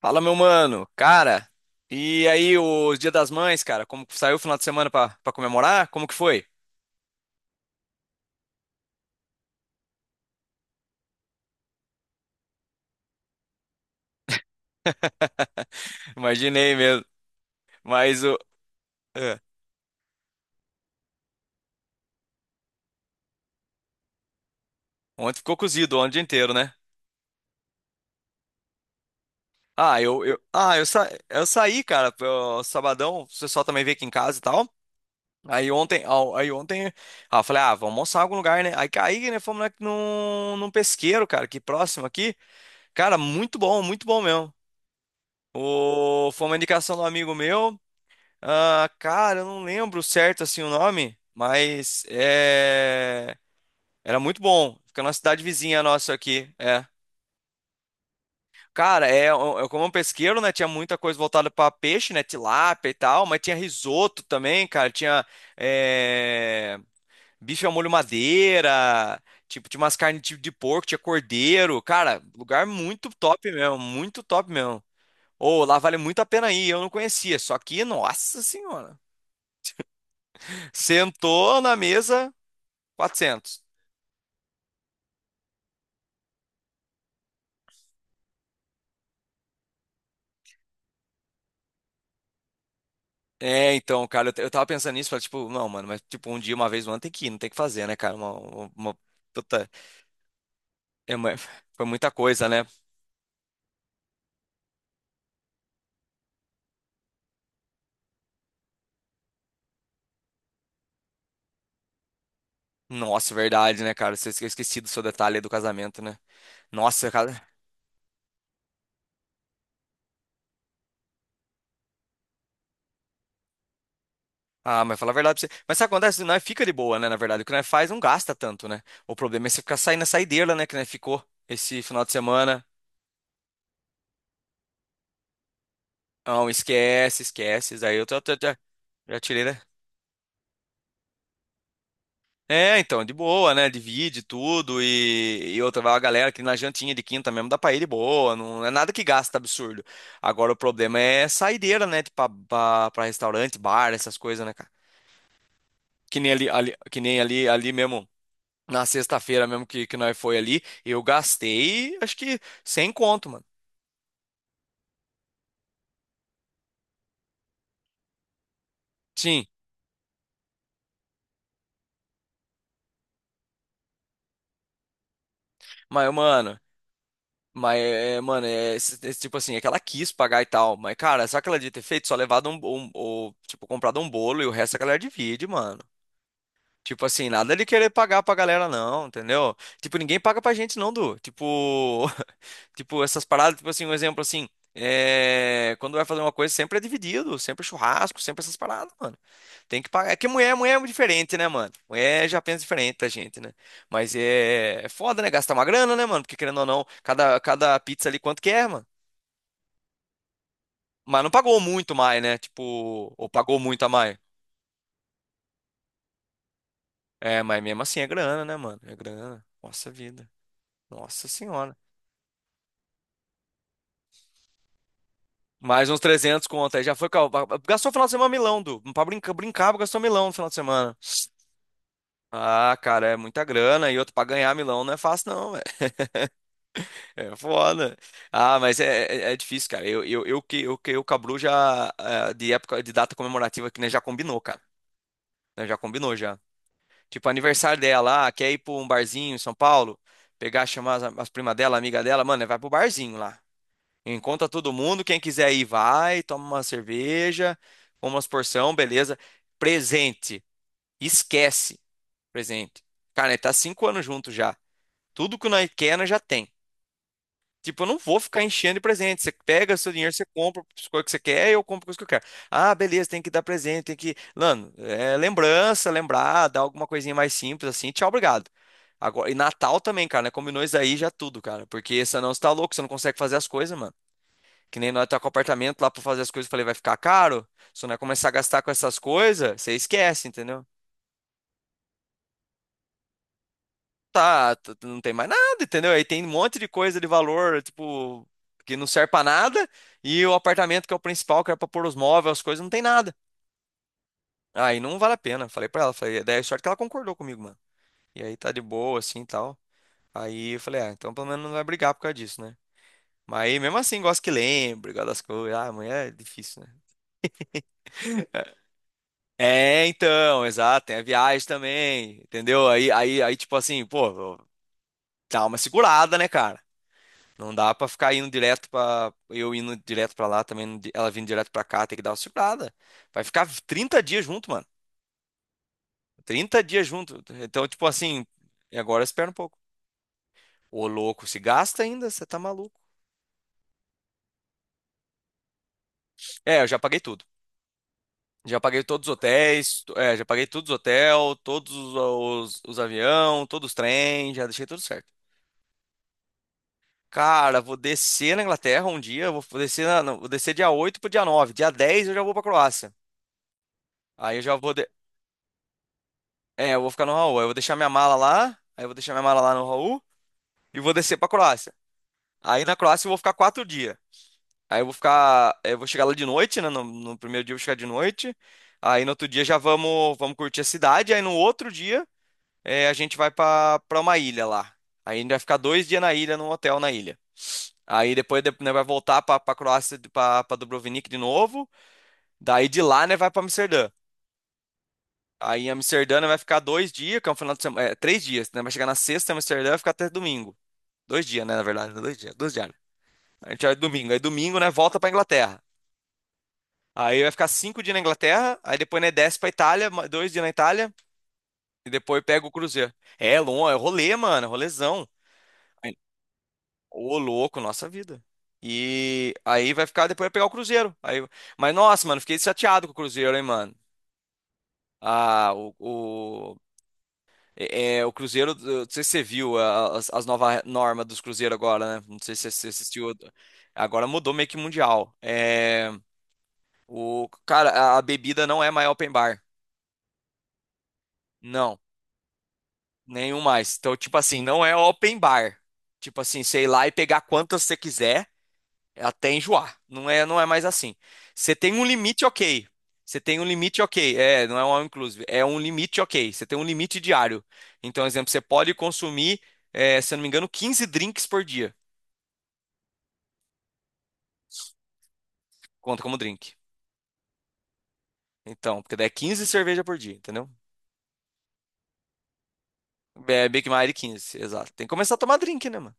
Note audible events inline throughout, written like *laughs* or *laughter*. Fala, meu mano. Cara, e aí, o Dia das Mães, cara? Como que saiu o final de semana pra comemorar? Como que foi? *laughs* Imaginei mesmo. Mas o. é, Ontem ficou cozido, ontem o dia inteiro, né? Ah, eu saí, cara, pro sabadão. O pessoal também veio aqui em casa e tal. Aí ontem, eu falei, ah, vamos almoçar em algum lugar, né? Aí caí, né? Fomos lá num pesqueiro, cara, aqui próximo aqui. Cara, muito bom mesmo. O, foi uma indicação do amigo meu. Ah, cara, eu não lembro certo assim o nome, era muito bom. Fica na cidade vizinha nossa aqui. É. Cara, é, eu como um pesqueiro, né? Tinha muita coisa voltada para peixe, né? Tilápia e tal, mas tinha risoto também, cara. Tinha é, bife ao molho madeira, tipo, tinha umas carnes tipo de porco, tinha cordeiro. Cara, lugar muito top mesmo, muito top mesmo. Ou lá vale muito a pena ir, eu não conhecia. Só que, nossa senhora. Sentou na mesa, 400. É, então, cara, eu, eu tava pensando nisso, falei, tipo, não, mano, mas tipo, um dia, uma vez no ano tem que ir, não tem que fazer, né, cara? Uma puta. é, uma- *laughs* foi muita coisa, né? Nossa, verdade, né, cara? Você eu esqueci do seu detalhe aí do casamento, né? Nossa, cara. Ah, mas fala a verdade pra você. Mas sabe o que acontece? Nós fica de boa, né? Na verdade, o que nós faz não gasta tanto, né? O problema é você ficar saindo na saideira, né? Que nós ficou esse final de semana. Não, esquece, esquece. Isso Aí eu já tirei, né? É, então, de boa, né? Divide tudo e outra, vai a galera que na jantinha de quinta mesmo dá pra ir de boa, não é nada que gasta absurdo. Agora o problema é saideira, né? Tipo, pra, pra restaurante, bar, essas coisas, né, cara? Que nem ali, que nem ali, ali mesmo, na sexta-feira mesmo que nós foi ali, eu gastei, acho que, sem conto, mano. Sim, mas, mano, mano, é, esse tipo assim, é que ela quis pagar e tal, mas, cara, só que ela devia ter feito? Só levado ou, tipo, comprado um bolo e o resto a galera divide, mano. Tipo assim, nada de querer pagar pra galera, não, entendeu? Tipo, ninguém paga pra gente, não, Du. Tipo, *laughs* tipo, essas paradas, tipo assim, um exemplo assim. Quando vai fazer uma coisa, sempre é dividido, sempre é churrasco, sempre essas paradas, mano. Tem que pagar. É que mulher, mulher é muito diferente, né, mano? Mulher já pensa diferente da gente, né? Mas é, é foda, né? Gastar uma grana, né, mano? Porque querendo ou não, cada pizza ali quanto que é, mano? Mas não pagou muito mais, né? Tipo, ou pagou muito a mais. É, mas mesmo assim é grana, né, mano? É grana. Nossa vida. Nossa senhora. Mais uns 300 conto. Aí já foi. Gastou o final de semana Milão, Du. Pra brincar, brincava gastou Milão no final de semana. Ah, cara, é muita grana. E outro, pra ganhar Milão não é fácil, não, velho. *laughs* É foda. Ah, mas é, é, é difícil, cara. Eu, que, eu, que, eu, Cabru, De época, de data comemorativa aqui, né? Já combinou, cara. Né, já combinou, já. Tipo, aniversário dela, ah, quer ir pra um barzinho em São Paulo? Pegar, chamar as primas dela, amiga dela. Mano, vai pro barzinho lá. Encontra todo mundo, quem quiser ir vai, toma uma cerveja, come umas porção, beleza. Presente, esquece, presente. Cara, nós tá 5 anos junto já. Tudo que nós quer, nós já tem. Tipo, eu não vou ficar enchendo de presente. Você pega seu dinheiro, você compra as coisas que você quer, eu compro as coisas que eu quero. Ah, beleza, tem que dar presente, tem que. Mano, é lembrança, lembrar, dar alguma coisinha mais simples assim. Tchau, obrigado. Agora, e Natal também, cara, né? Combinou isso aí já tudo, cara. Porque senão você tá louco, você não consegue fazer as coisas, mano. Que nem nós tá com o apartamento lá pra fazer as coisas, eu falei, vai ficar caro? Se nós começar a gastar com essas coisas, você esquece, entendeu? Tá, não tem mais nada, entendeu? Aí tem um monte de coisa de valor, tipo, que não serve pra nada, e o apartamento que é o principal, que era pra pôr os móveis, as coisas, não tem nada. Aí não vale a pena. Falei pra ela, falei, daí a sorte que ela concordou comigo, mano. E aí tá de boa, assim, e tal. Aí eu falei, ah, então pelo menos não vai brigar por causa disso, né? Mas aí mesmo assim, gosto que lembre, gosto das coisas. Ah, amanhã é difícil, né? É, então, exato, tem a viagem também, entendeu? Aí, tipo assim, pô, dá uma segurada, né, cara? Não dá pra ficar indo direto pra. Eu indo direto pra lá também, não di- ela vindo direto pra cá, tem que dar uma segurada. Vai ficar 30 dias junto, mano. 30 dias junto. Então, tipo assim, e agora espera um pouco. Ô, louco, se gasta ainda, você tá maluco. É, eu já paguei tudo. Já paguei todos os hotéis, já paguei todos os hotéis, todos os, os aviões, todos os trens, já deixei tudo certo. Cara, vou descer na Inglaterra um dia, vou descer, não, vou descer dia 8 pro dia 9, Dia 10 eu já vou pra Croácia. Aí eu já vou. É, eu vou ficar no Raul. Aí eu vou deixar minha mala lá, aí eu vou deixar minha mala lá no Raul e vou descer pra Croácia. Aí na Croácia eu vou ficar 4 dias. Aí eu vou ficar. Eu vou chegar lá de noite, né? No primeiro dia eu vou chegar de noite. Aí no outro dia já vamos, vamos curtir a cidade. Aí no outro dia a gente vai pra, pra uma ilha lá. Aí a gente vai ficar 2 dias na ilha, num hotel na ilha. Aí depois né, vai voltar pra, pra Croácia, pra, pra Dubrovnik de novo. Daí de lá, né, vai pra Amsterdã. Aí em Amsterdã né, vai ficar dois dias, que é um final de semana, 3 dias, né? Vai chegar na sexta em Amsterdã e vai ficar até domingo. 2 dias, né, na verdade, 2 dias, 2 dias. A gente vai domingo, aí domingo, né, volta pra Inglaterra. Aí vai ficar 5 dias na Inglaterra, aí depois, né, desce pra Itália, 2 dias na Itália, e depois pega o cruzeiro. É, longo, é rolê, mano, rolezão. Ô, louco, nossa vida. E aí vai ficar depois vai pegar o Cruzeiro. Aí, mas nossa, mano, fiquei chateado com o Cruzeiro, hein, mano. Ah, o Cruzeiro, eu não sei se você viu as novas normas dos Cruzeiros agora, né? Não sei se você assistiu. Agora mudou meio que mundial. É, cara, a bebida não é mais open bar. Não, nenhum mais. Então, tipo assim, não é open bar. Tipo assim, sei lá e pegar quantas você quiser. É até enjoar. Não é, não é mais assim. Você tem um limite, ok. Você tem um limite, ok. É, não é um all inclusive. É um limite, ok. Você tem um limite diário. Então, exemplo, você pode consumir, é, se eu não me engano, 15 drinks por dia. Conta como drink. Então, porque daí é 15 cerveja por dia, entendeu? É, Big Mac 15, exato. Tem que começar a tomar drink, né, mano?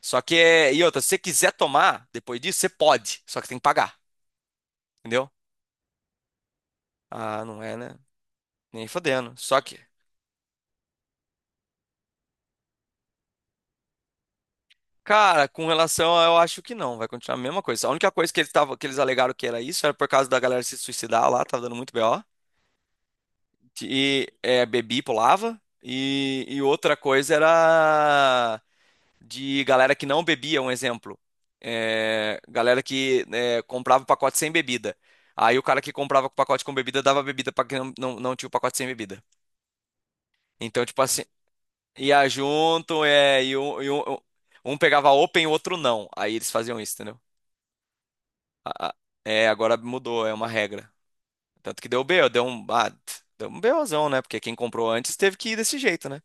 Só que é. E outra, se você quiser tomar depois disso, você pode. Só que tem que pagar, entendeu? Ah, não é, né? Nem fodendo. Só que. Cara, com relação a, eu acho que não, vai continuar a mesma coisa. A única coisa que eles tavam, que eles alegaram que era isso era por causa da galera se suicidar lá, tava dando muito BO. E é, bebi, pulava. E outra coisa era de galera que não bebia, um exemplo. É, galera que é, comprava o pacote sem bebida. Aí o cara que comprava o pacote com bebida dava bebida pra quem não tinha o pacote sem bebida. Então, tipo assim, ia junto, um pegava open e o outro não. Aí eles faziam isso, entendeu? a- a- É, agora mudou, é uma regra. Tanto que deu B BO, deu um BOzão, né? Porque quem comprou antes teve que ir desse jeito, né?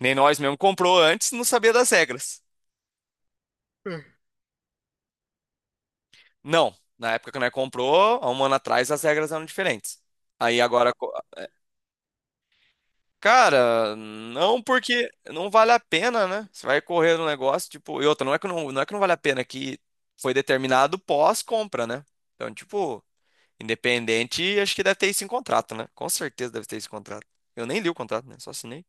Nem nós mesmo comprou antes, não sabia das regras. Não, na época que nós comprou, há um ano atrás, as regras eram diferentes. Aí agora, cara, não porque não vale a pena, né? Você vai correr no negócio, tipo, e outra, não é que não, não é que não vale a pena, é que foi determinado pós-compra, né? Então, tipo, independente, acho que deve ter esse em contrato, né? Com certeza deve ter esse contrato. Eu nem li o contrato, né? Só assinei.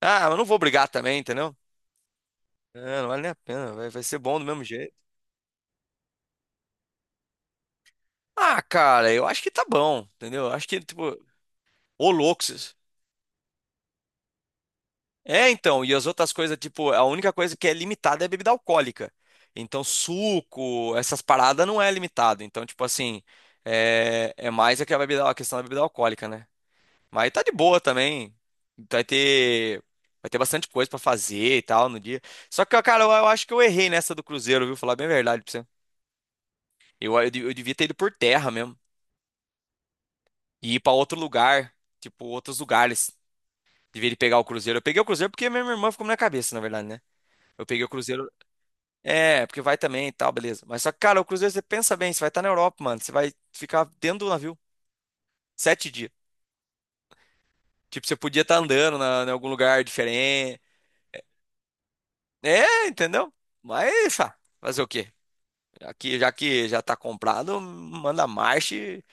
Ah, mas não vou brigar também, entendeu? É, não vale nem a pena, vai, vai ser bom do mesmo jeito. Ah, cara, eu acho que tá bom, entendeu? Acho que, tipo, ô louco. É, então, e as outras coisas, tipo, a única coisa que é limitada é a bebida alcoólica. Então, suco, essas paradas não é limitado. Então, tipo assim, é, é mais a que a questão da bebida alcoólica, né? Mas tá de boa também. Vai ter, vai ter bastante coisa pra fazer e tal no dia. Só que, cara, eu acho que eu errei nessa do Cruzeiro, viu? Falar bem a verdade pra você. Eu devia ter ido por terra mesmo. E ir pra outro lugar. Tipo, outros lugares. Devia de pegar o Cruzeiro. Eu peguei o Cruzeiro porque minha irmã ficou na minha cabeça, na verdade, né? Eu peguei o Cruzeiro. É, porque vai também e tal, beleza. Mas só que, cara, o Cruzeiro, você pensa bem, você vai estar na Europa, mano. Você vai ficar dentro do navio 7 dias. Tipo, você podia estar andando em algum lugar diferente. É, entendeu? Mas, ah, fazer o quê? Aqui, já que já tá comprado, manda marcha e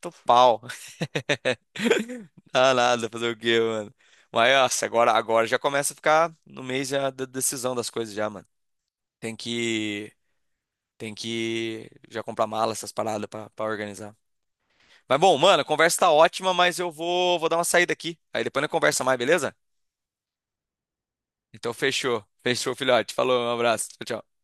tô pau. *laughs* Dá nada, fazer o quê, mano? Mas, nossa, agora já começa a ficar no mês já da decisão das coisas já, mano. Tem que, tem que já comprar mala, essas paradas pra, pra organizar. Mas, bom, mano, a conversa tá ótima, mas eu vou dar uma saída aqui. Aí depois a gente conversa mais, beleza? Então, fechou. Fechou, filhote. Falou, um abraço. Tchau, tchau.